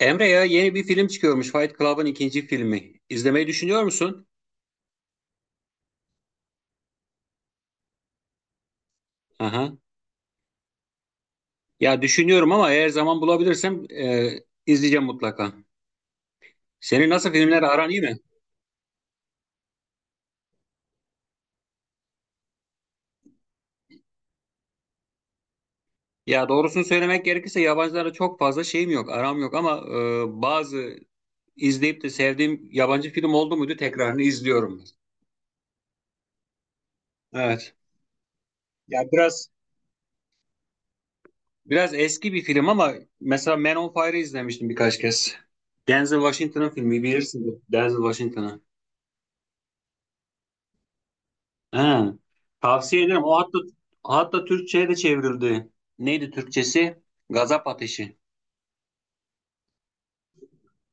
Emre, ya yeni bir film çıkıyormuş. Fight Club'ın ikinci filmi. İzlemeyi düşünüyor musun? Aha. Ya düşünüyorum ama eğer zaman bulabilirsem izleyeceğim mutlaka. Senin nasıl filmler aran, iyi mi? Ya doğrusunu söylemek gerekirse yabancılara çok fazla şeyim yok, aram yok ama bazı izleyip de sevdiğim yabancı film oldu muydu tekrarını izliyorum. Evet. Ya biraz eski bir film ama mesela Man on Fire'ı izlemiştim birkaç kez. Denzel Washington'ın filmi, bilirsin. Denzel Washington'ı. He, tavsiye ederim. O hatta Türkçe'ye de çevrildi. Neydi Türkçesi? Gazap Ateşi.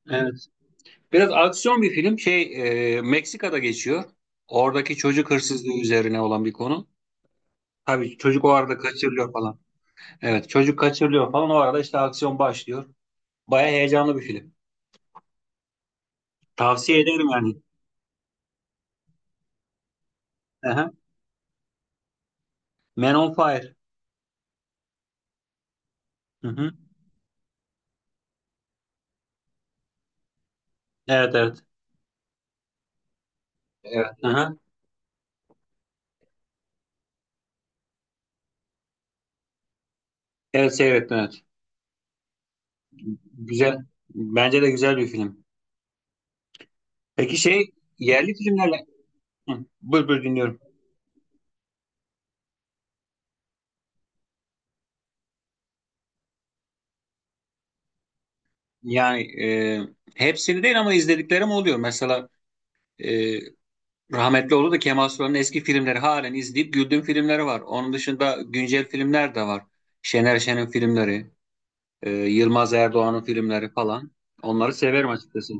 Evet. Biraz aksiyon bir film. Şey, Meksika'da geçiyor. Oradaki çocuk hırsızlığı üzerine olan bir konu. Tabii çocuk o arada kaçırılıyor falan. Evet, çocuk kaçırılıyor falan. O arada işte aksiyon başlıyor. Baya heyecanlı bir film. Tavsiye ederim yani. Aha. Man on Fire. Hı hı. Evet, evet. Evet. Aha. Evet, seyrettim, evet. Güzel. Bence de güzel bir film. Peki şey, yerli filmlerle... Hı, buyur buyur dinliyorum. Yani hepsini değil ama izlediklerim oluyor. Mesela e, rahmetli oldu da Kemal Sunal'ın eski filmleri halen izleyip güldüğüm filmleri var. Onun dışında güncel filmler de var. Şener Şen'in filmleri, Yılmaz Erdoğan'ın filmleri falan. Onları severim açıkçası.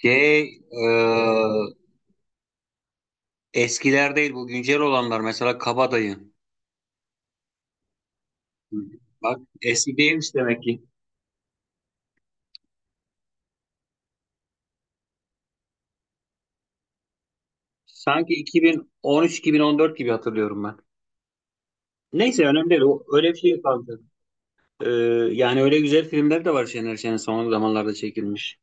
Şey, eskiler değil, bu güncel olanlar. Mesela Kabadayı. Bak eski değilmiş demek ki. Sanki 2013-2014 gibi hatırlıyorum ben. Neyse, önemli değil. Öyle bir şey kaldı. Ee, Yani öyle güzel filmler de var, Şener Şen'in son zamanlarda çekilmiş.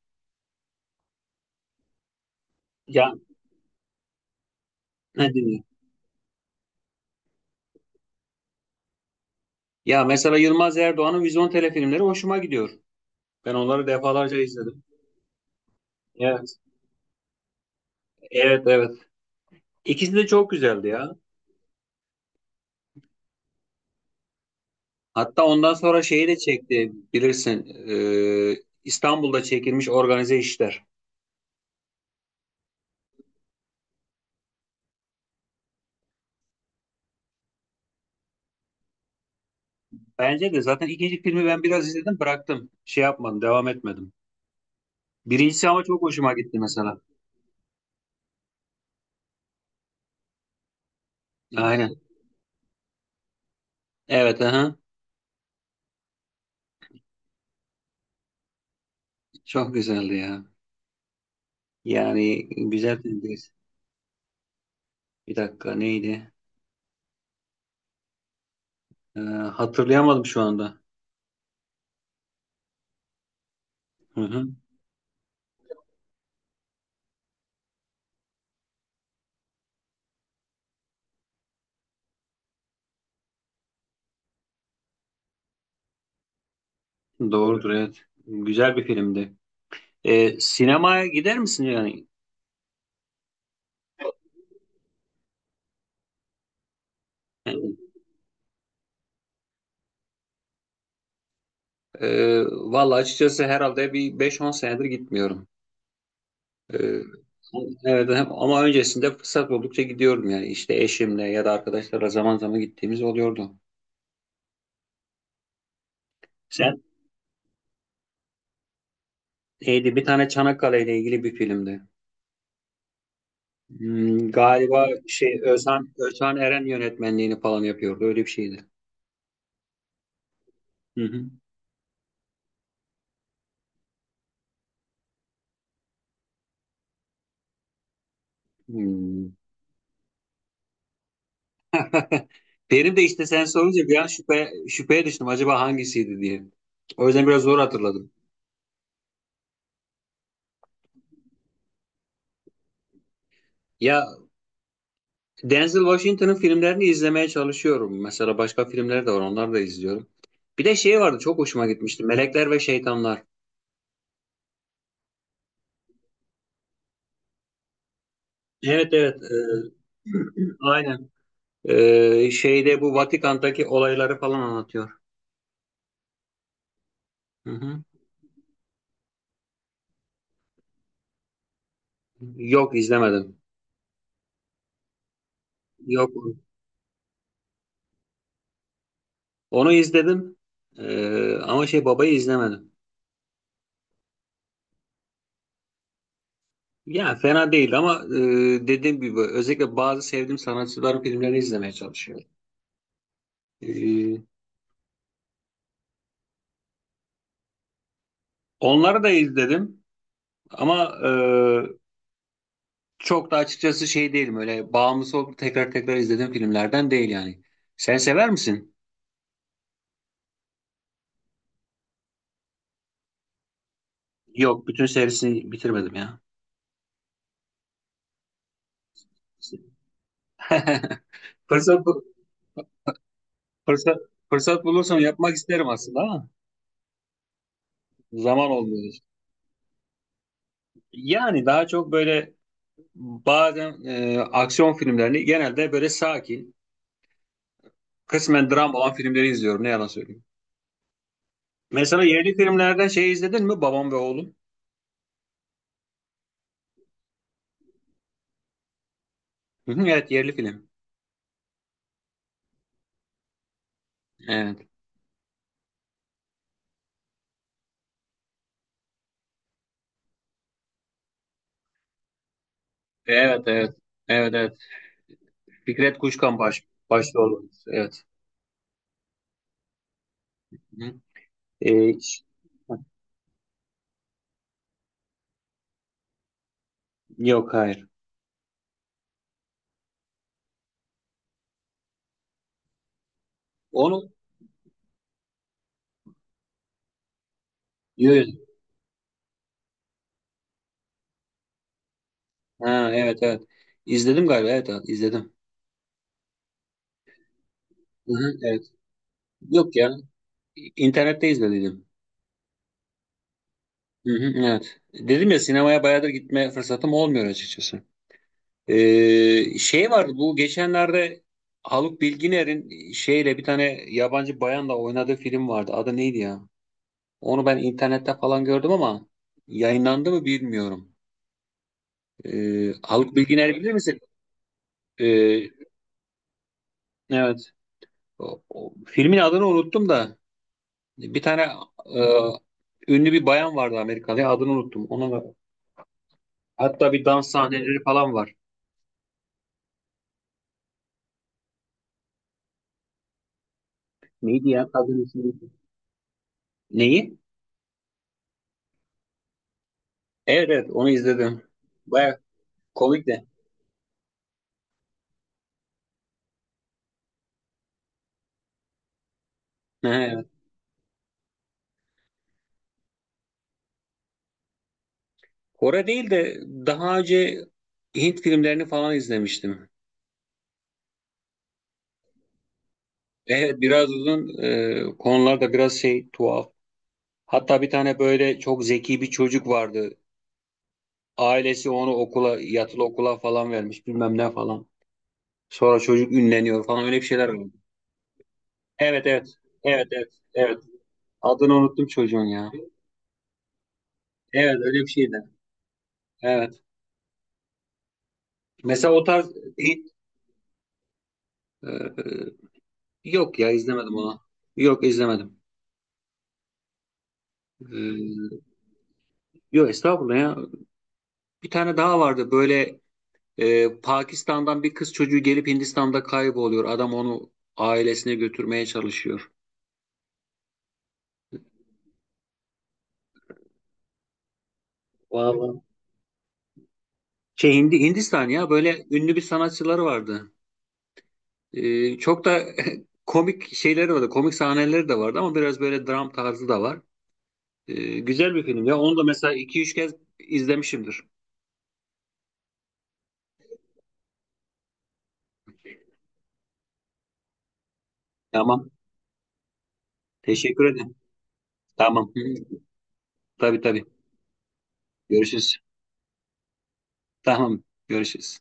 Ya ne diyeyim? Ya mesela Yılmaz Erdoğan'ın Vizyon filmleri hoşuma gidiyor. Ben onları defalarca izledim. Evet. Evet, evet. İkisi de çok güzeldi ya. Hatta ondan sonra şeyi de çekti, bilirsin. İstanbul'da çekilmiş Organize İşler. Bence de zaten ikinci filmi ben biraz izledim, bıraktım. Şey yapmadım, devam etmedim. Birincisi ama çok hoşuma gitti mesela. Aynen. Evet, aha. Çok güzeldi ya. Yani güzel filmdi. Bir dakika, neydi? Ee, Hatırlayamadım şu anda. Hı hı. Doğrudur, evet. Güzel bir filmdi. Sinemaya gider misin yani? Yani, vallahi açıkçası herhalde bir beş on senedir gitmiyorum. Ee, evet, ama öncesinde fırsat buldukça gidiyorum yani. İşte eşimle ya da arkadaşlarla zaman zaman gittiğimiz oluyordu. Sen... neydi? Bir tane Çanakkale ile ilgili bir filmdi. Hmm, galiba şey Özhan Eren yönetmenliğini falan yapıyordu. Öyle bir şeydi. Hı hı. Hmm. Benim de işte sen sorunca bir an şüpheye düştüm, acaba hangisiydi diye. O yüzden biraz zor hatırladım. Ya Denzel Washington'ın filmlerini izlemeye çalışıyorum. Mesela başka filmler de var, onları da izliyorum. Bir de şey vardı, çok hoşuma gitmişti. Melekler ve Şeytanlar. Evet, evet. Aynen. Şeyde bu Vatikan'daki olayları falan anlatıyor. Hı hı. Yok, izlemedim. Yok, onu izledim. Ama şey, babayı izlemedim. Ya fena değil ama dediğim gibi özellikle bazı sevdiğim sanatçıların filmlerini izlemeye çalışıyorum. E, Onları da izledim ama çok da açıkçası şey değilim, öyle bağımlısı olup tekrar tekrar izlediğim filmlerden değil yani. Sen sever misin? Yok, bütün serisini bitirmedim ya. Fırsat, bu- fırsat, Fırsat bulursam yapmak isterim aslında ama zaman olmuyor. Yani daha çok böyle, bazen aksiyon filmlerini, genelde böyle sakin, kısmen dram olan filmleri izliyorum. Ne yalan söyleyeyim. Mesela yerli filmlerden şey izledin mi? Babam ve Oğlum. Hı hı, evet, yerli film. Evet. Evet, evet. Evet, evet. Fikret Kuşkan başta oldu. Evet. Hı hı. Ee, ş- Yok, hayır. Onu yok. Ha, evet, evet. İzledim galiba. Evet, evet izledim. Hı hı, evet. Yok ya. İnternette izledim. Hı hı, evet. Dedim ya, sinemaya bayağıdır gitme fırsatım olmuyor açıkçası. Şey var, bu geçenlerde Haluk Bilginer'in şeyle bir tane yabancı bayanla oynadığı film vardı. Adı neydi ya? Onu ben internette falan gördüm ama yayınlandı mı bilmiyorum. Haluk Bilginer, bilir misin? Ee, evet. Filmin adını unuttum da bir tane e, ünlü bir bayan vardı, Amerikalı. Ya, adını unuttum. Ona hatta bir dans sahneleri falan var. Neydi ya kadın ismi? Neyi? Evet, evet onu izledim. Baya komik de. Kore değil de daha önce Hint filmlerini falan izlemiştim. Evet, biraz uzun, konular da biraz şey, tuhaf. Hatta bir tane böyle çok zeki bir çocuk vardı. Ailesi onu okula, yatılı okula falan vermiş, bilmem ne falan. Sonra çocuk ünleniyor falan, öyle bir şeyler oldu. Evet, evet, evet, evet, evet. Adını unuttum çocuğun ya. Evet, öyle bir şeydi. Evet. Mesela o tarz Hint e, yok ya, izlemedim onu. Yok, izlemedim. E, Yok, estağfurullah ya. Bir tane daha vardı böyle, Pakistan'dan bir kız çocuğu gelip Hindistan'da kayboluyor. Adam onu ailesine götürmeye çalışıyor. Vallahi. Şey Hindistan ya, böyle ünlü bir sanatçıları vardı. Çok da komik şeyleri vardı. Komik sahneleri de vardı ama biraz böyle dram tarzı da var. Güzel bir film ya. Onu da mesela iki üç kez izlemişimdir. Tamam. Teşekkür ederim. Tamam. Hı, tabii tabii. Görüşürüz. Tamam. Görüşürüz.